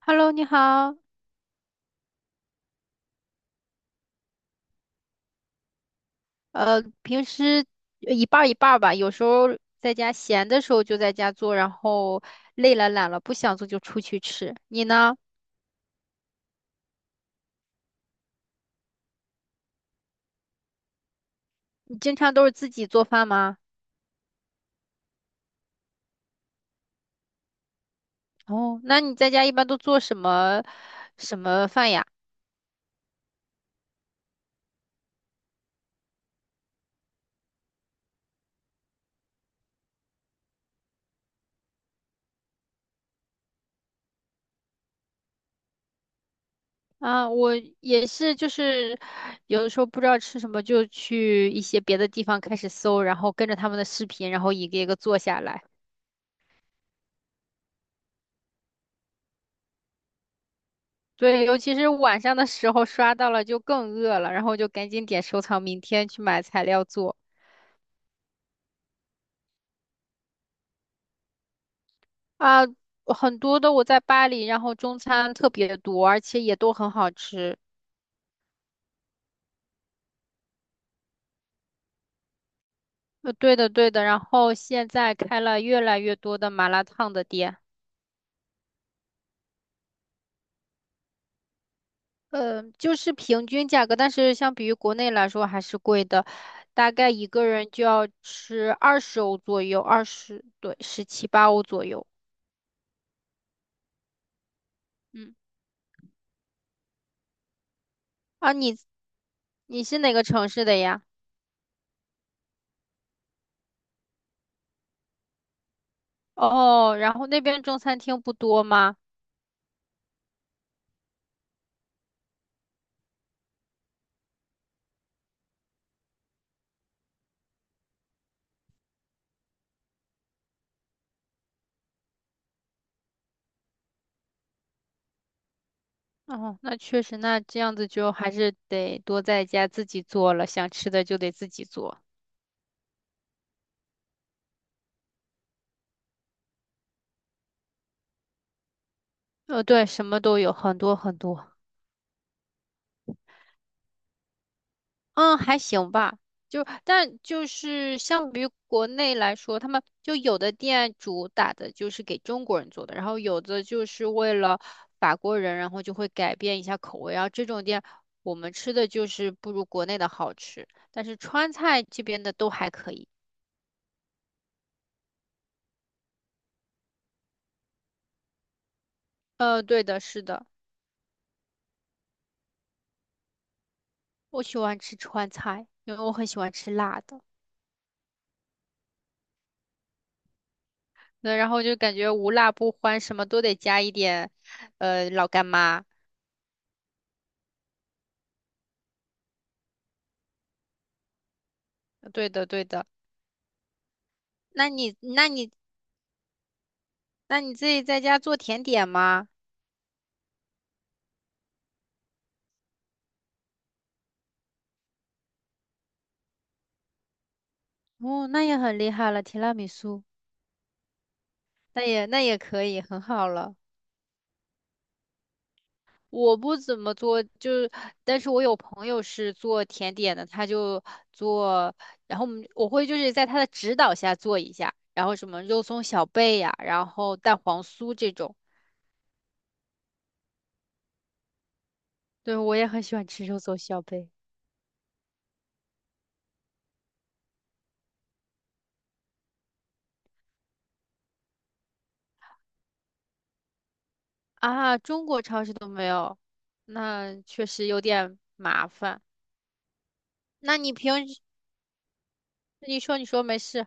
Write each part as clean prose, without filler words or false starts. Hello，你好。平时一半儿一半儿吧，有时候在家闲的时候就在家做，然后累了懒了不想做就出去吃。你呢？你经常都是自己做饭吗？哦，那你在家一般都做什么饭呀？啊，我也是，就是有的时候不知道吃什么，就去一些别的地方开始搜，然后跟着他们的视频，然后一个一个做下来。对，尤其是晚上的时候刷到了就更饿了，然后就赶紧点收藏，明天去买材料做啊。很多的我在巴黎，然后中餐特别多，而且也都很好吃。对的对的，然后现在开了越来越多的麻辣烫的店，就是平均价格，但是相比于国内来说还是贵的，大概一个人就要吃20欧左右，二十，对，17、18欧左右。嗯，啊，你是哪个城市的呀？哦，然后那边中餐厅不多吗？哦，那确实，那这样子就还是得多在家自己做了，想吃的就得自己做。呃，对，什么都有，很多很多。嗯，还行吧。但就是相比于国内来说，他们就有的店主打的就是给中国人做的，然后有的就是为了法国人，然后就会改变一下口味。然后这种店我们吃的就是不如国内的好吃，但是川菜这边的都还可以。呃，对的，是的，我喜欢吃川菜，因为我很喜欢吃辣的。那然后就感觉无辣不欢，什么都得加一点，老干妈。对的，对的。那你，那你，那你自己在家做甜点吗？哦，那也很厉害了，提拉米苏，那也可以，很好了。我不怎么做，就是，但是我有朋友是做甜点的，他就做，然后我会就是在他的指导下做一下，然后什么肉松小贝呀、然后蛋黄酥这种。对，我也很喜欢吃肉松小贝啊，中国超市都没有，那确实有点麻烦。那你平时你说你说没事。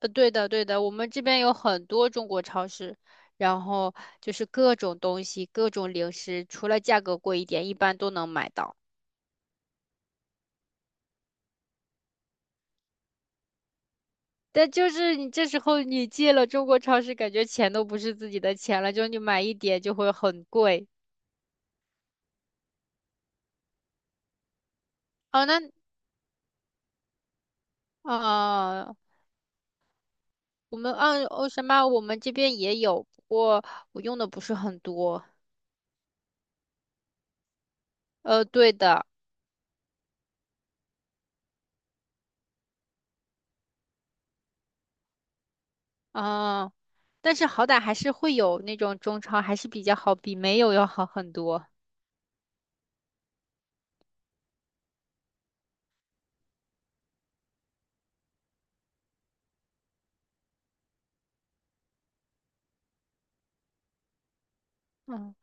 呃，对的，对的，我们这边有很多中国超市，然后就是各种东西、各种零食，除了价格贵一点，一般都能买到。但就是你这时候你进了中国超市，感觉钱都不是自己的钱了，就你买一点就会很贵。哦，那啊、我们按哦什么，我们这边也有，不过我用的不是很多。呃，对的，啊、但是好歹还是会有那种中超，还是比较好，比没有要好很多。嗯。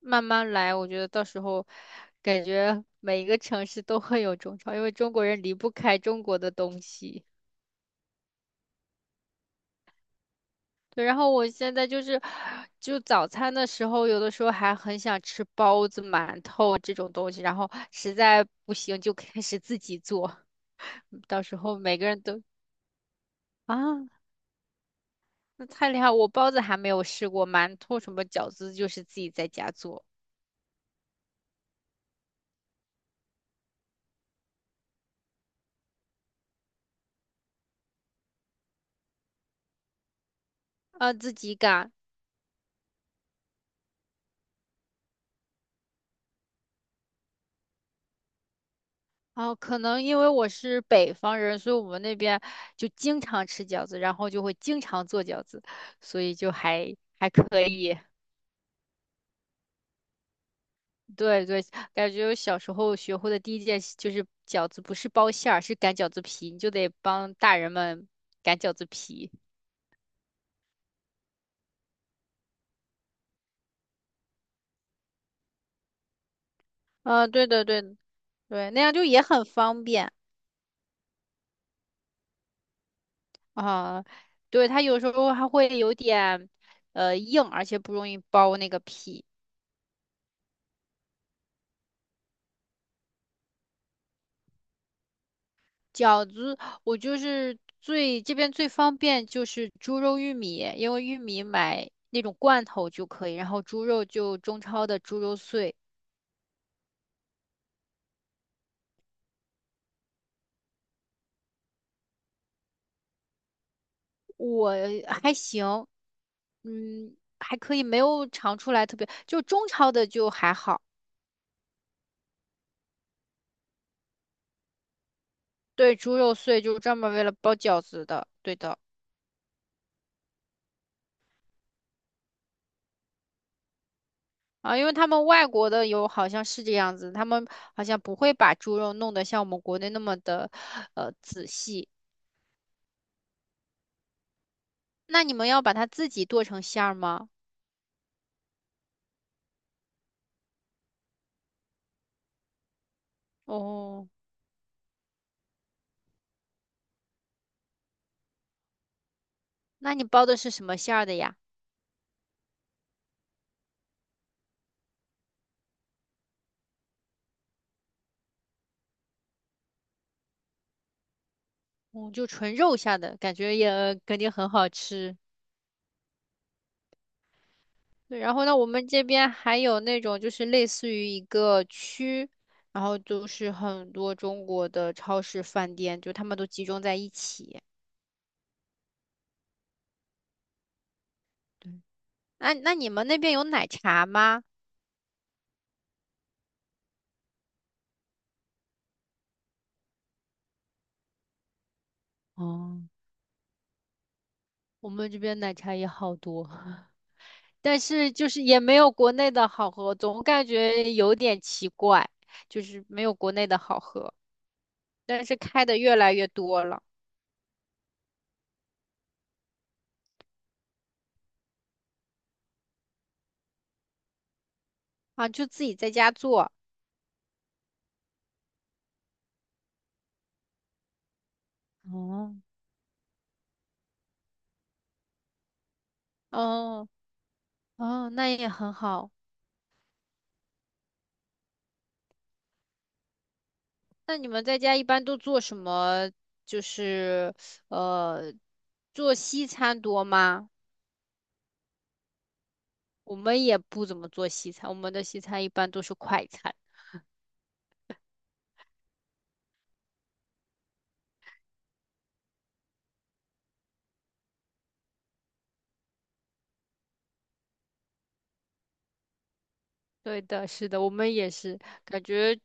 慢慢来，我觉得到时候感觉每一个城市都会有中超，因为中国人离不开中国的东西。对，然后我现在就是，就早餐的时候，有的时候还很想吃包子、馒头这种东西，然后实在不行就开始自己做。嗯到时候每个人都啊，那太厉害！我包子还没有试过，馒头什么饺子就是自己在家做，啊，自己擀。哦，可能因为我是北方人，所以我们那边就经常吃饺子，然后就会经常做饺子，所以就还可以。对对，感觉我小时候学会的第一件事就是饺子不是包馅儿，是擀饺子皮，你就得帮大人们擀饺子皮。嗯，对的对的对，那样就也很方便啊。对，它有时候还会有点硬，而且不容易包那个皮。饺子，我就是这边最方便就是猪肉玉米，因为玉米买那种罐头就可以，然后猪肉就中超的猪肉碎，我还行，嗯，还可以，没有尝出来特别，就中超的就还好。对，猪肉碎就是专门为了包饺子的，对的啊，因为他们外国的有好像是这样子，他们好像不会把猪肉弄得像我们国内那么的仔细。那你们要把它自己剁成馅儿吗？哦，那你包的是什么馅儿的呀？哦，就纯肉馅儿的，感觉也肯定很好吃。对，然后呢，我们这边还有那种就是类似于一个区，然后就是很多中国的超市、饭店，就他们都集中在一起。对，那你们那边有奶茶吗？哦，我们这边奶茶也好多，但是就是也没有国内的好喝，总感觉有点奇怪，就是没有国内的好喝。但是开的越来越多了啊，就自己在家做。哦，哦哦，那也很好。那你们在家一般都做什么？就是呃，做西餐多吗？我们也不怎么做西餐，我们的西餐一般都是快餐。对的，是的，我们也是，感觉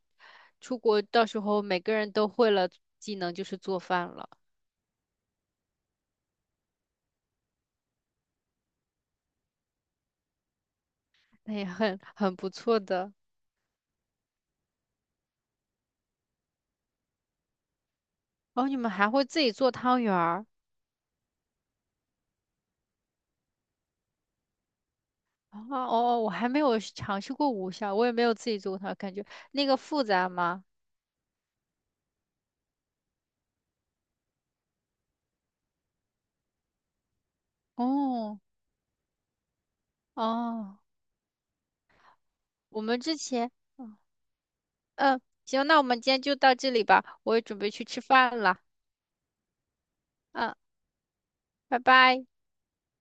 出国到时候每个人都会了技能，就是做饭了，那也很很不错的。哦，你们还会自己做汤圆儿。啊，哦，哦，我还没有是尝试过无效，我也没有自己做过它，感觉那个复杂吗？哦哦，我们之前，嗯嗯，行，那我们今天就到这里吧，我也准备去吃饭了，嗯，拜拜。